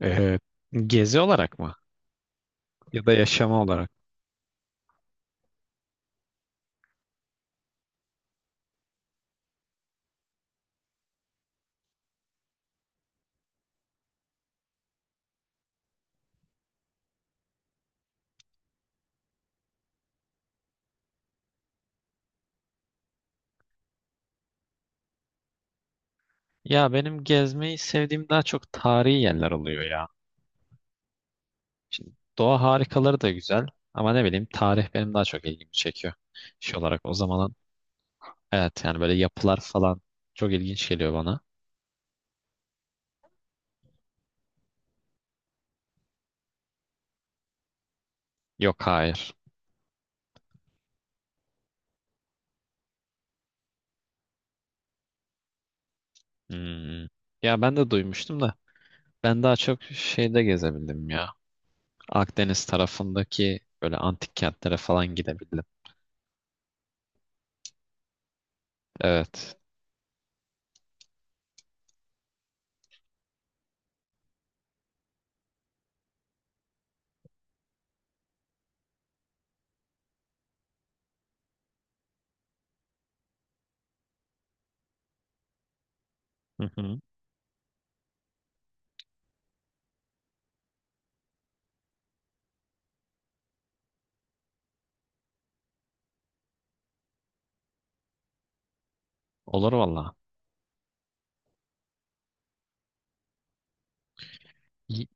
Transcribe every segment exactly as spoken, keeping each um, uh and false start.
Ee, Gezi olarak mı? Ya da yaşama olarak. Ya benim gezmeyi sevdiğim daha çok tarihi yerler oluyor ya. Şimdi doğa harikaları da güzel ama ne bileyim tarih benim daha çok ilgimi çekiyor. Şey olarak o zaman evet, yani böyle yapılar falan çok ilginç geliyor bana. Yok, hayır. Hmm. Ya ben de duymuştum da ben daha çok şeyde gezebildim ya. Akdeniz tarafındaki böyle antik kentlere falan gidebildim. Evet. Hı hı. Olur valla. Y-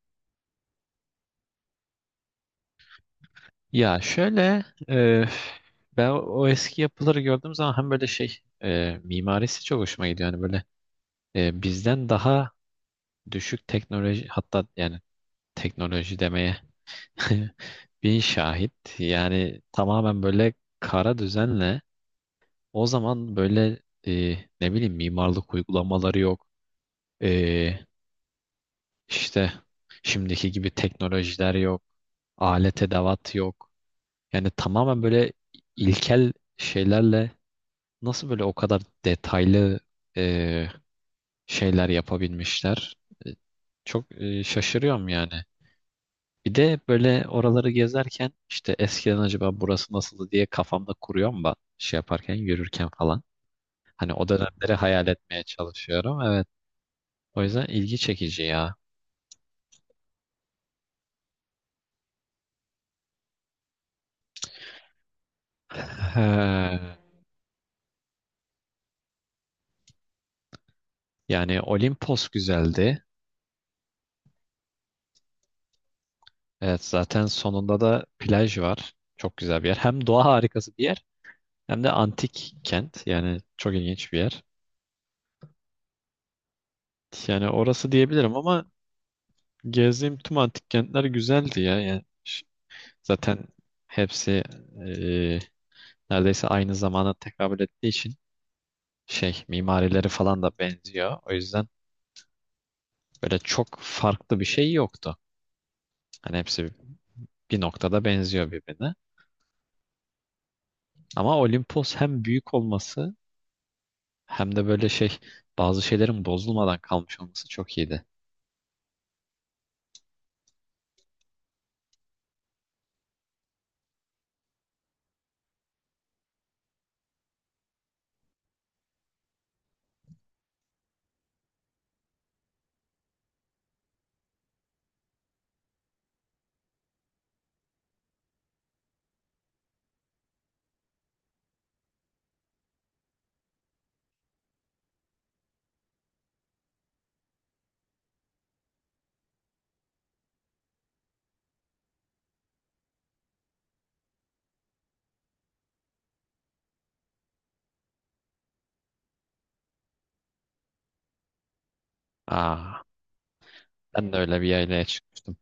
Ya şöyle, e, ben o eski yapıları gördüğüm zaman hem böyle şey, e, mimarisi çok hoşuma gidiyor. Yani böyle e, bizden daha düşük teknoloji, hatta yani teknoloji demeye bin şahit. Yani tamamen böyle kara düzenle o zaman böyle, e, ne bileyim, mimarlık uygulamaları yok. E, işte şimdiki gibi teknolojiler yok. Alet edevat yok. Yani tamamen böyle ilkel şeylerle, nasıl böyle o kadar detaylı e, şeyler yapabilmişler? E, Çok e, şaşırıyorum yani. Bir de böyle oraları gezerken işte eskiden acaba burası nasıldı diye kafamda kuruyorum ben, şey yaparken, yürürken falan. Hani o dönemleri hayal etmeye çalışıyorum. Evet. O yüzden ilgi çekici ya. He. Yani Olimpos güzeldi. Evet, zaten sonunda da plaj var. Çok güzel bir yer. Hem doğa harikası bir yer, hem de antik kent. Yani çok ilginç bir yer. Yani orası diyebilirim ama gezdiğim tüm antik kentler güzeldi ya. Yani ş- zaten hepsi e, neredeyse aynı zamana tekabül ettiği için şey mimarileri falan da benziyor. O yüzden böyle çok farklı bir şey yoktu. Hani hepsi bir noktada benziyor birbirine. Ama Olimpos hem büyük olması, hem de böyle şey, bazı şeylerin bozulmadan kalmış olması çok iyiydi. Aa, ben de öyle bir yaylaya çıkmıştım.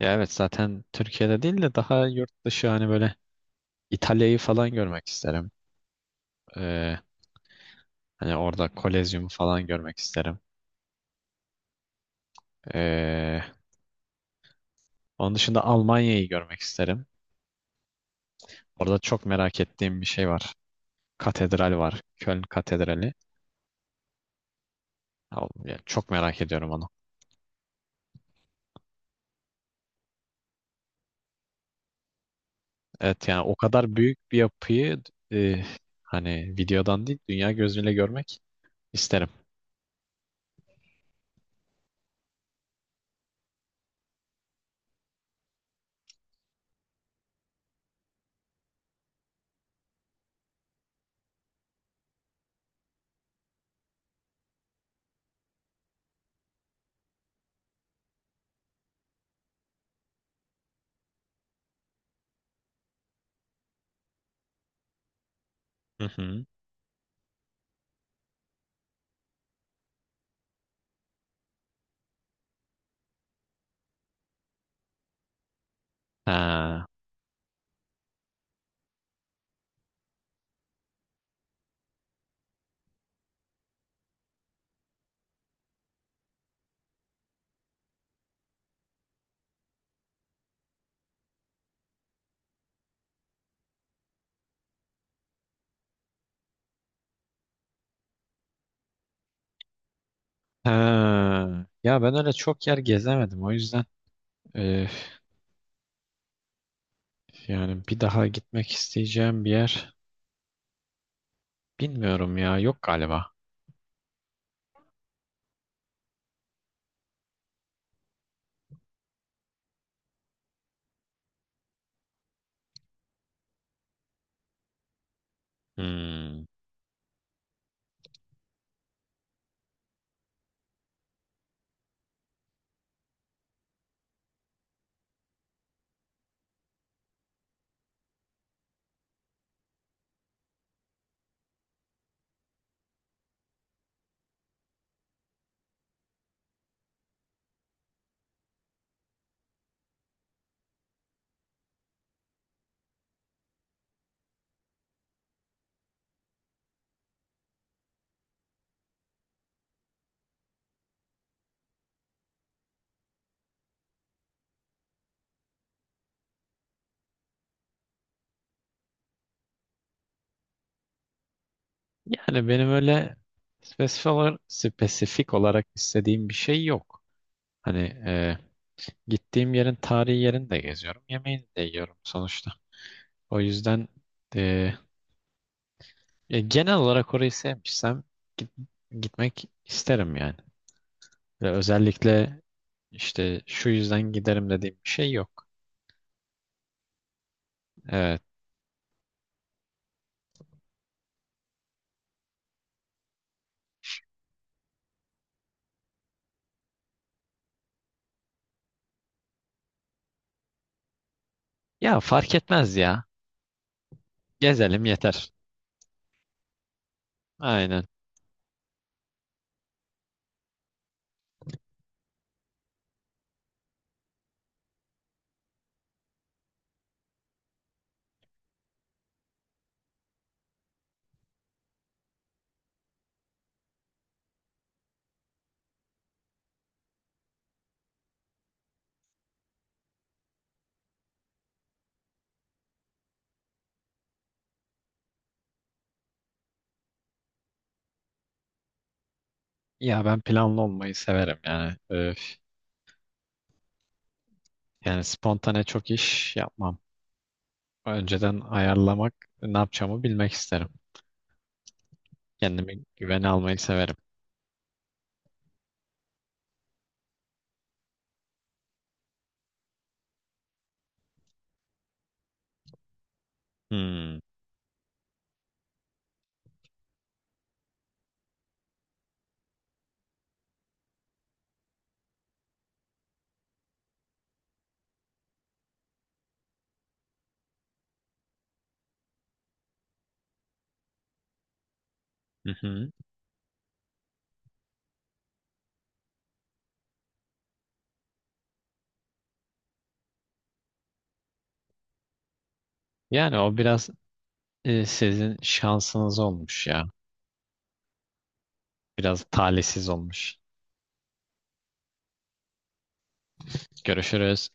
Ya evet, zaten Türkiye'de değil de daha yurt dışı, hani böyle İtalya'yı falan görmek isterim. Ee, Hani orada Kolezyum'u falan görmek isterim. Ee, Onun dışında Almanya'yı görmek isterim. Orada çok merak ettiğim bir şey var. Katedral var. Köln Katedrali. Ya, ya çok merak ediyorum onu. Evet, yani o kadar büyük bir yapıyı e, hani videodan değil dünya gözüyle görmek isterim. Hı hı. Ha. Ha. Ya ben öyle çok yer gezemedim, o yüzden e, yani bir daha gitmek isteyeceğim bir yer. Bilmiyorum ya, yok galiba. Hmm. Yani benim öyle spesifik olarak, spesifik olarak istediğim bir şey yok. Hani e, gittiğim yerin tarihi yerini de geziyorum. Yemeğini de yiyorum sonuçta. O yüzden e, e, genel olarak orayı sevmişsem git- gitmek isterim yani. Ve özellikle işte şu yüzden giderim dediğim bir şey yok. Evet. Ya fark etmez ya. Gezelim yeter. Aynen. Ya ben planlı olmayı severim yani. Öf. Yani spontane çok iş yapmam. Önceden ayarlamak, ne yapacağımı bilmek isterim. Kendimi güvene almayı severim. Hmm. Hı hı. Yani o biraz, e, sizin şansınız olmuş ya. Biraz talihsiz olmuş. Görüşürüz.